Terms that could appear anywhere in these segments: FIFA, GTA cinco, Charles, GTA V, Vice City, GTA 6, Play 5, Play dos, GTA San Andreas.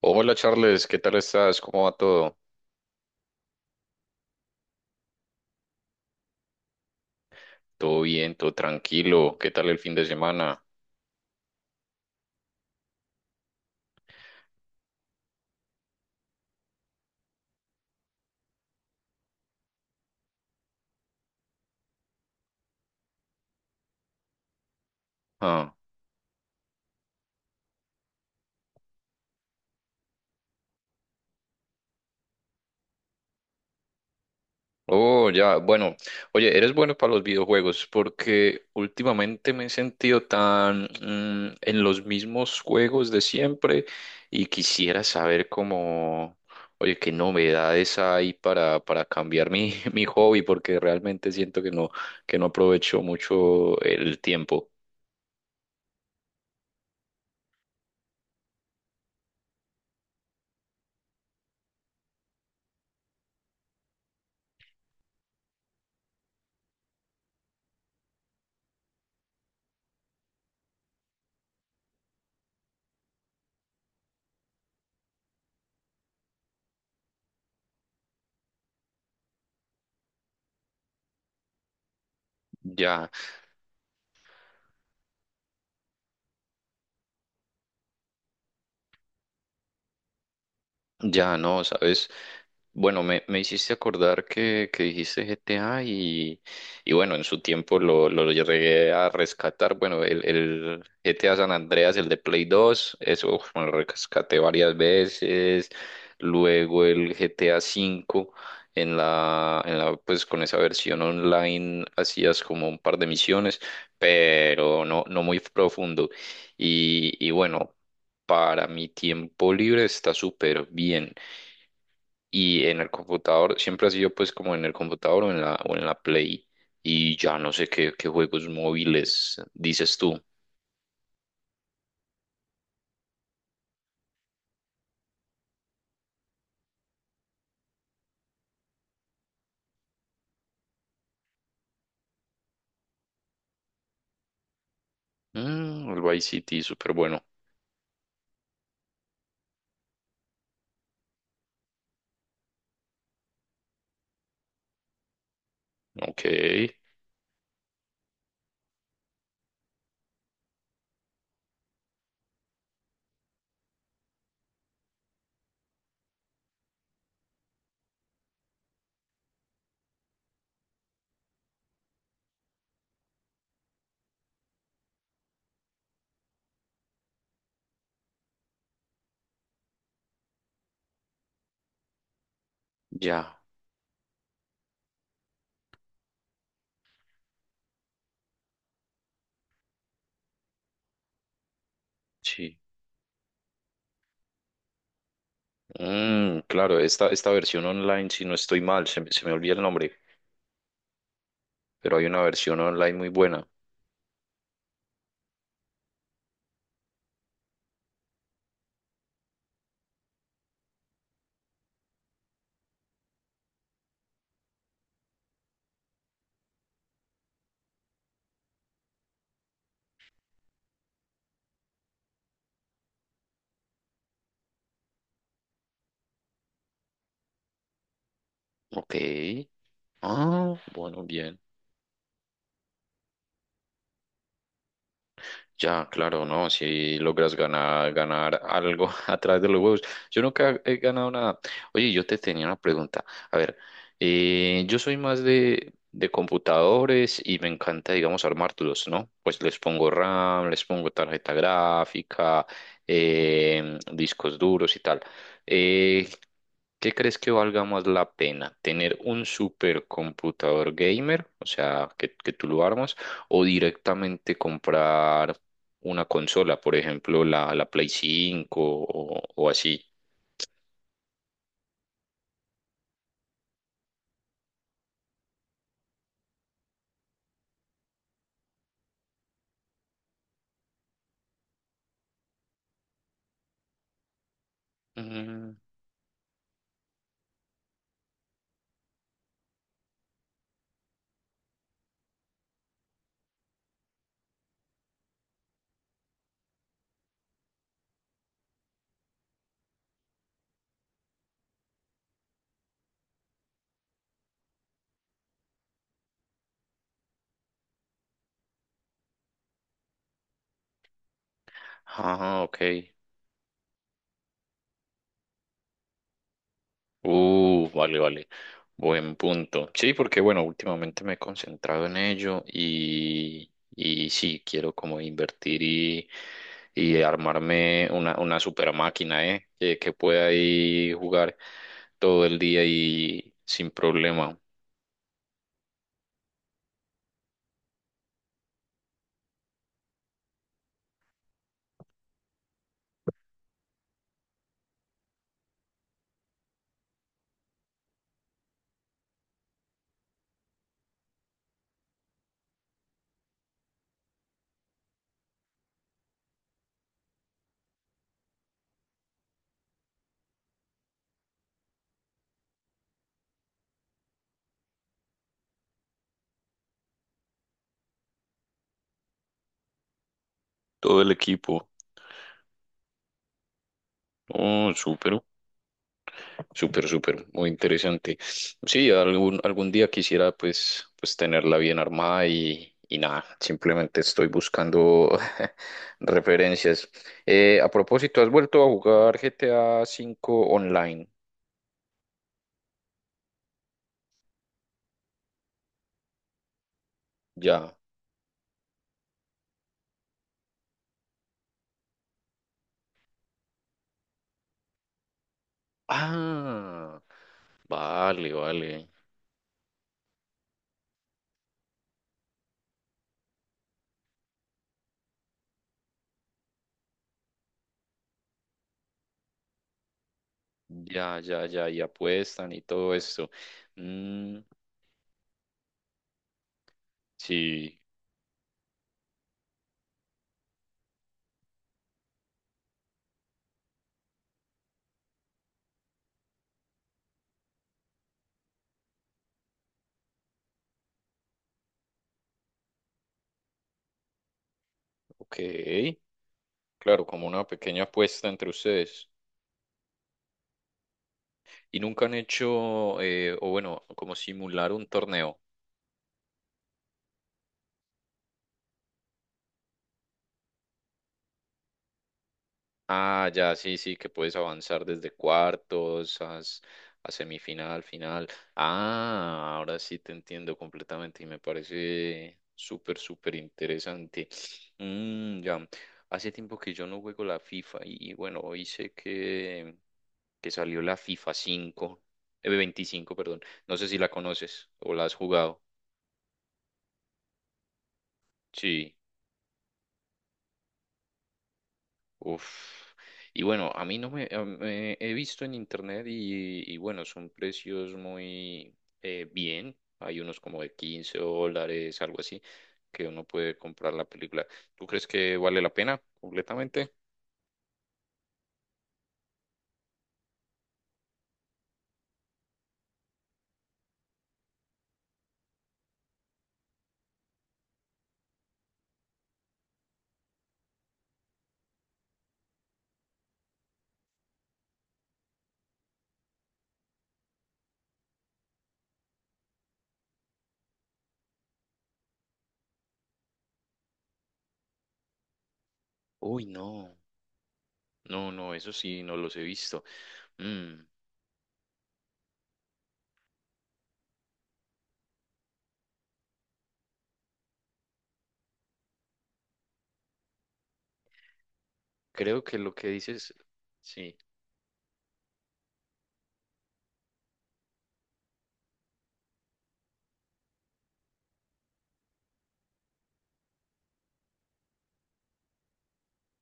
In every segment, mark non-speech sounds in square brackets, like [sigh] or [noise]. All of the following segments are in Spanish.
Hola Charles, ¿qué tal estás? ¿Cómo va todo? ¿Todo bien? ¿Todo tranquilo? ¿Qué tal el fin de semana? Ah, oh, ya, bueno. Oye, eres bueno para los videojuegos porque últimamente me he sentido tan en los mismos juegos de siempre y quisiera saber cómo, oye, qué novedades hay para cambiar mi, [laughs] mi hobby porque realmente siento que no aprovecho mucho el tiempo. Ya. Ya no, ¿sabes? Bueno, me hiciste acordar que dijiste GTA y bueno, en su tiempo lo llegué a rescatar. Bueno, el GTA San Andreas, el de Play dos, eso uf, me lo rescaté varias veces. Luego el GTA cinco en la, pues con esa versión online hacías como un par de misiones, pero no muy profundo. Y bueno. Para mi tiempo libre está súper bien. Y en el computador, siempre ha sido pues como en el computador o en la Play. Y ya no sé qué juegos móviles dices tú. El Vice City, súper bueno. Ok, ya, sí. Mm, claro, esta versión online, si no estoy mal, se me olvida el nombre, pero hay una versión online muy buena. Ok. Ah, bueno, bien. Ya, claro, no, si logras ganar algo [laughs] a través de los huevos. Yo nunca he ganado nada. Oye, yo te tenía una pregunta. A ver, yo soy más de computadores y me encanta, digamos, armarlos, ¿no? Pues les pongo RAM, les pongo tarjeta gráfica, discos duros y tal. Eh, ¿Qué crees que valga más la pena? ¿Tener un supercomputador gamer, o sea, que tú lo armas, o directamente comprar una consola, por ejemplo, la Play 5 o así? Mm, ah, ok. Vale, vale. Buen punto. Sí, porque bueno, últimamente me he concentrado en ello y sí, quiero como invertir y armarme una super máquina, ¿eh? Que pueda ahí jugar todo el día y sin problema. Todo el equipo. Oh, súper. Súper, súper, muy interesante. Sí, algún día quisiera pues tenerla bien armada y nada, simplemente estoy buscando [laughs] referencias. A propósito, ¿has vuelto a jugar GTA 5 online? Ya. Ah, vale, vale. Ya, ya, ya, y apuestan y todo esto. Mm, sí, ok. Claro, como una pequeña apuesta entre ustedes. Y nunca han hecho, o bueno, como simular un torneo. Ah, ya, sí, sí, que puedes avanzar desde cuartos a semifinal, final. Ah, ahora sí te entiendo completamente y me parece súper, súper interesante. Mm, ya, hace tiempo que yo no juego la FIFA y bueno, hoy sé que salió la FIFA 5, 25, perdón. No sé si la conoces o la has jugado. Sí. Uf. Y bueno, a mí no me, he visto en internet y bueno, son precios muy bien. Hay unos como de $15, algo así, que uno puede comprar la película. ¿Tú crees que vale la pena completamente? Uy, no. No, no, eso sí, no los he visto. Mm, Creo que lo que dices, sí.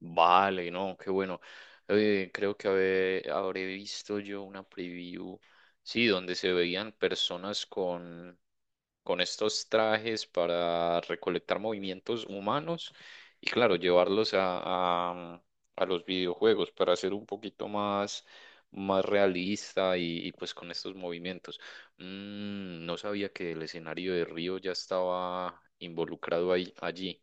Vale, no, qué bueno. Creo que habré visto yo una preview, sí, donde se veían personas con estos trajes para recolectar movimientos humanos y claro, llevarlos a los videojuegos para hacer un poquito más realista y, pues con estos movimientos. No sabía que el escenario de Río ya estaba involucrado ahí, allí.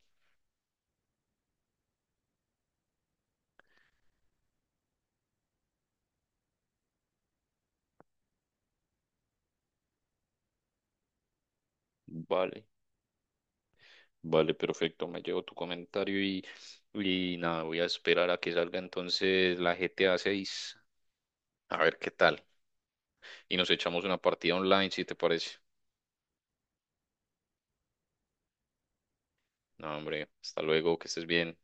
Vale, vale, perfecto. Me llevo tu comentario y nada, voy a esperar a que salga entonces la GTA 6. A seis, a ver qué tal. Y nos echamos una partida online, si te parece. No, hombre, hasta luego, que estés bien.